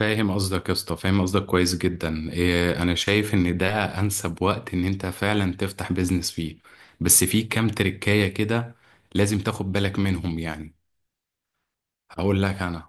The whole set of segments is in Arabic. فاهم قصدك يا اسطى، فاهم قصدك كويس جدا. إيه، انا شايف ان ده انسب وقت ان انت فعلا تفتح بيزنس فيه. بس في كام تريكاية كده لازم تاخد بالك منهم يعني. هقول لك انا.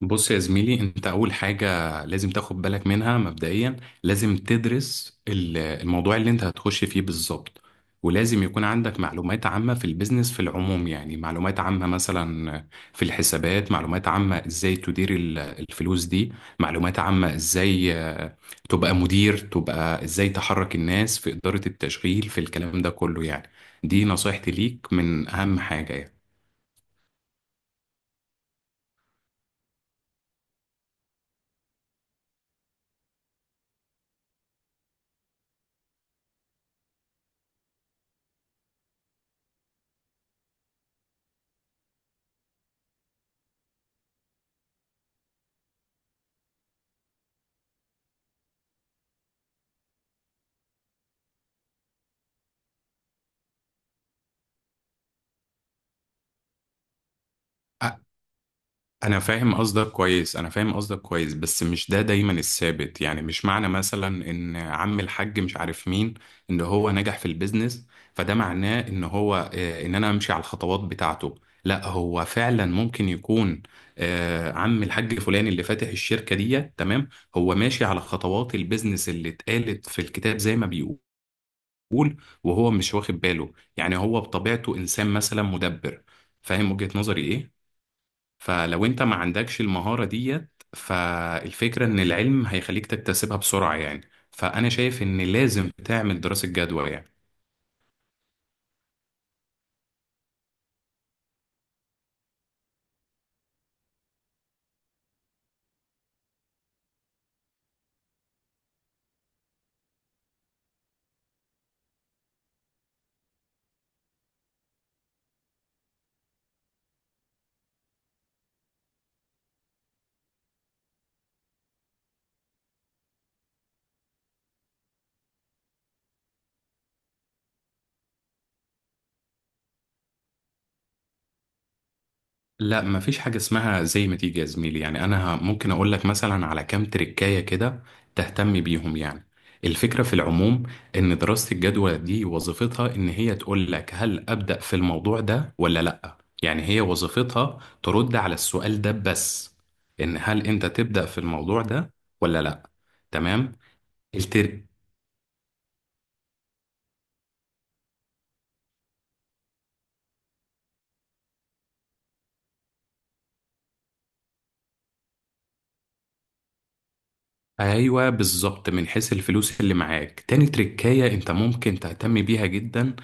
بص يا زميلي، انت اول حاجة لازم تاخد بالك منها مبدئيا. لازم تدرس الموضوع اللي انت هتخش فيه بالظبط. ولازم يكون عندك معلومات عامة في البيزنس في العموم، يعني معلومات عامة مثلا في الحسابات، معلومات عامة ازاي تدير الفلوس دي، معلومات عامة ازاي تبقى مدير، تبقى ازاي تحرك الناس في إدارة التشغيل في الكلام ده كله يعني. دي نصيحتي ليك، من اهم حاجة يعني. انا فاهم قصدك كويس، انا فاهم قصدك كويس، بس مش ده دايما الثابت. يعني مش معنى مثلا ان عم الحاج مش عارف مين ان هو نجح في البيزنس، فده معناه ان هو ان انا امشي على الخطوات بتاعته. لا، هو فعلا ممكن يكون عم الحاج فلان اللي فاتح الشركة دي تمام، هو ماشي على خطوات البيزنس اللي اتقالت في الكتاب زي ما بيقول، وهو مش واخد باله. يعني هو بطبيعته انسان مثلا مدبر. فاهم وجهة نظري ايه؟ فلو انت ما عندكش المهارة ديت، فالفكرة ان العلم هيخليك تكتسبها بسرعة يعني. فانا شايف ان لازم تعمل دراسة جدوى يعني. لا، مفيش حاجة اسمها زي ما تيجي يا زميلي. يعني انا ممكن اقول لك مثلا على كام تريكاية كده تهتم بيهم يعني. الفكرة في العموم ان دراسة الجدوى دي وظيفتها ان هي تقول لك هل ابدأ في الموضوع ده ولا لا. يعني هي وظيفتها ترد على السؤال ده بس، ان هل انت تبدأ في الموضوع ده ولا لا. تمام. التر... ايوه بالظبط، من حيث الفلوس اللي معاك، تاني تركاية انت ممكن تهتم بيها جدا.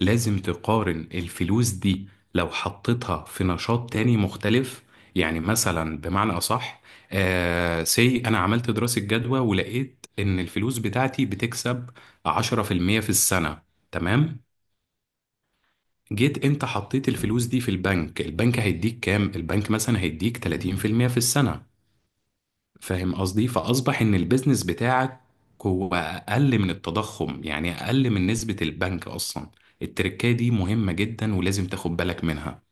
لازم تقارن الفلوس دي لو حطيتها في نشاط تاني مختلف. يعني مثلا بمعنى اصح، سي انا عملت دراسة جدوى ولقيت ان الفلوس بتاعتي بتكسب 10% في المية في السنة، تمام. جيت انت حطيت الفلوس دي في البنك، البنك هيديك كام؟ البنك مثلا هيديك 30% في المية في السنة. فاهم قصدي؟ فأصبح إن البيزنس بتاعك هو أقل من التضخم، يعني أقل من نسبة البنك أصلا. التركية دي مهمة جدا، ولازم تاخد بالك منها.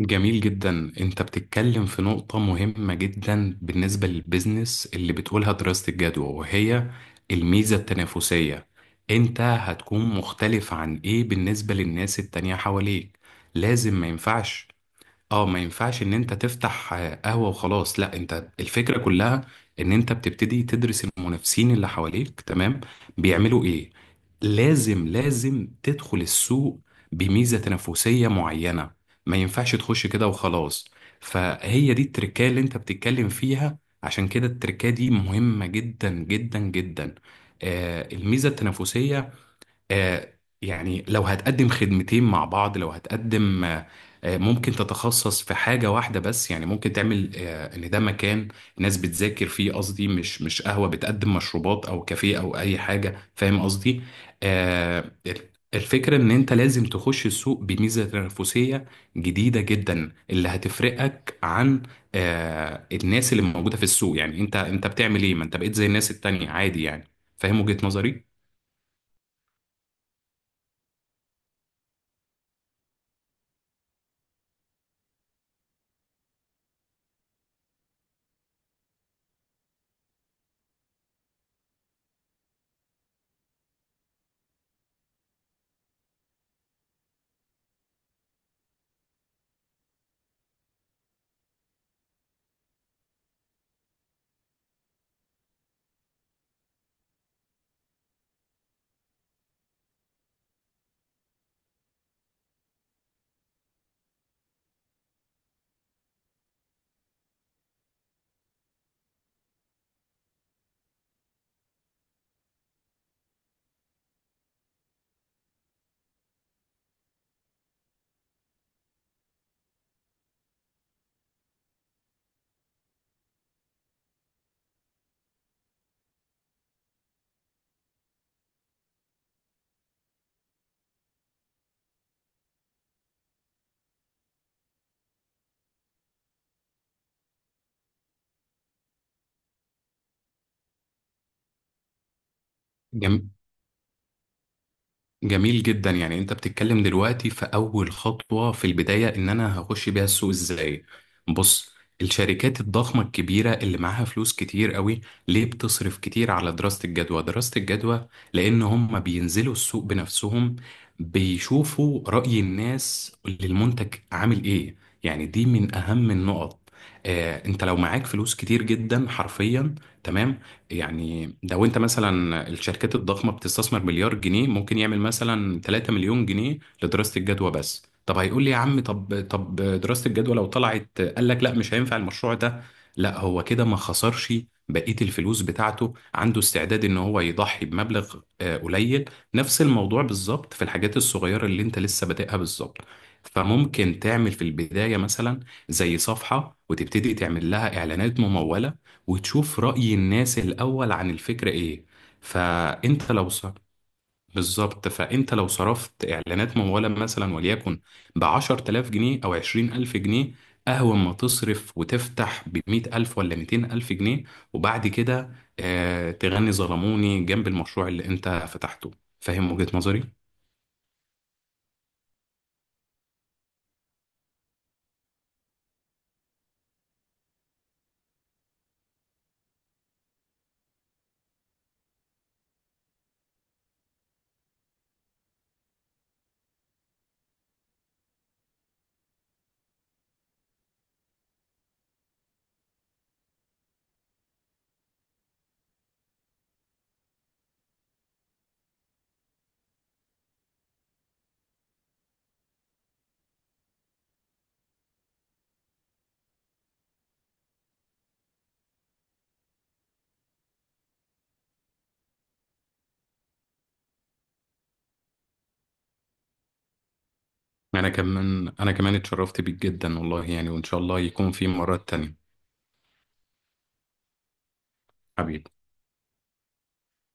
جميل جدا، انت بتتكلم في نقطة مهمة جدا بالنسبة للبيزنس اللي بتقولها دراسة الجدوى، وهي الميزة التنافسية. انت هتكون مختلف عن ايه بالنسبة للناس التانية حواليك؟ لازم ما ينفعش اه ما ينفعش ان انت تفتح قهوة وخلاص. لا، انت الفكرة كلها ان انت بتبتدي تدرس المنافسين اللي حواليك، تمام، بيعملوا ايه. لازم تدخل السوق بميزة تنافسية معينة، ما ينفعش تخش كده وخلاص. فهي دي التركية اللي انت بتتكلم فيها. عشان كده التركية دي مهمة جدا جدا جدا. الميزة التنافسية. آه، يعني لو هتقدم خدمتين مع بعض، لو هتقدم آه، آه، ممكن تتخصص في حاجة واحدة بس. يعني ممكن تعمل ان ده مكان ناس بتذاكر فيه، قصدي مش قهوة بتقدم مشروبات او كافيه او اي حاجة، فاهم قصدي. آه، الفكرة ان انت لازم تخش السوق بميزة تنافسية جديدة جدا، اللي هتفرقك عن الناس اللي موجودة في السوق. يعني انت بتعمل ايه؟ ما انت بقيت زي الناس التانية عادي يعني. فاهم وجهة نظري؟ جميل جدا، يعني انت بتتكلم دلوقتي في اول خطوة، في البداية ان انا هخش بيها السوق ازاي. بص، الشركات الضخمة الكبيرة اللي معاها فلوس كتير قوي ليه بتصرف كتير على دراسة الجدوى؟ دراسة الجدوى لان هم بينزلوا السوق بنفسهم، بيشوفوا رأي الناس للمنتج عامل ايه. يعني دي من اهم النقط. انت لو معاك فلوس كتير جدا حرفيا، تمام. يعني لو انت مثلا الشركات الضخمة بتستثمر مليار جنيه، ممكن يعمل مثلا 3 مليون جنيه لدراسة الجدوى بس. طب هيقول لي يا عم، طب دراسة الجدوى لو طلعت قال لك لا مش هينفع المشروع ده، لا هو كده ما خسرش بقية الفلوس بتاعته. عنده استعداد ان هو يضحي بمبلغ قليل. نفس الموضوع بالظبط في الحاجات الصغيرة اللي انت لسه بادئها بالظبط. فممكن تعمل في البداية مثلا زي صفحة، وتبتدي تعمل لها إعلانات ممولة، وتشوف رأي الناس الأول عن الفكرة إيه. فأنت لو ص... بالظبط، فأنت لو صرفت إعلانات ممولة مثلا وليكن بعشر تلاف جنيه أو عشرين ألف جنيه، أهون ما تصرف وتفتح بمئة ألف ولا ميتين ألف جنيه، وبعد كده تغني ظلموني جنب المشروع اللي أنت فتحته. فاهم وجهة نظري؟ أنا كمان اتشرفت بيك جدا والله، يعني وإن شاء الله يكون في مرات تانية. حبيبي.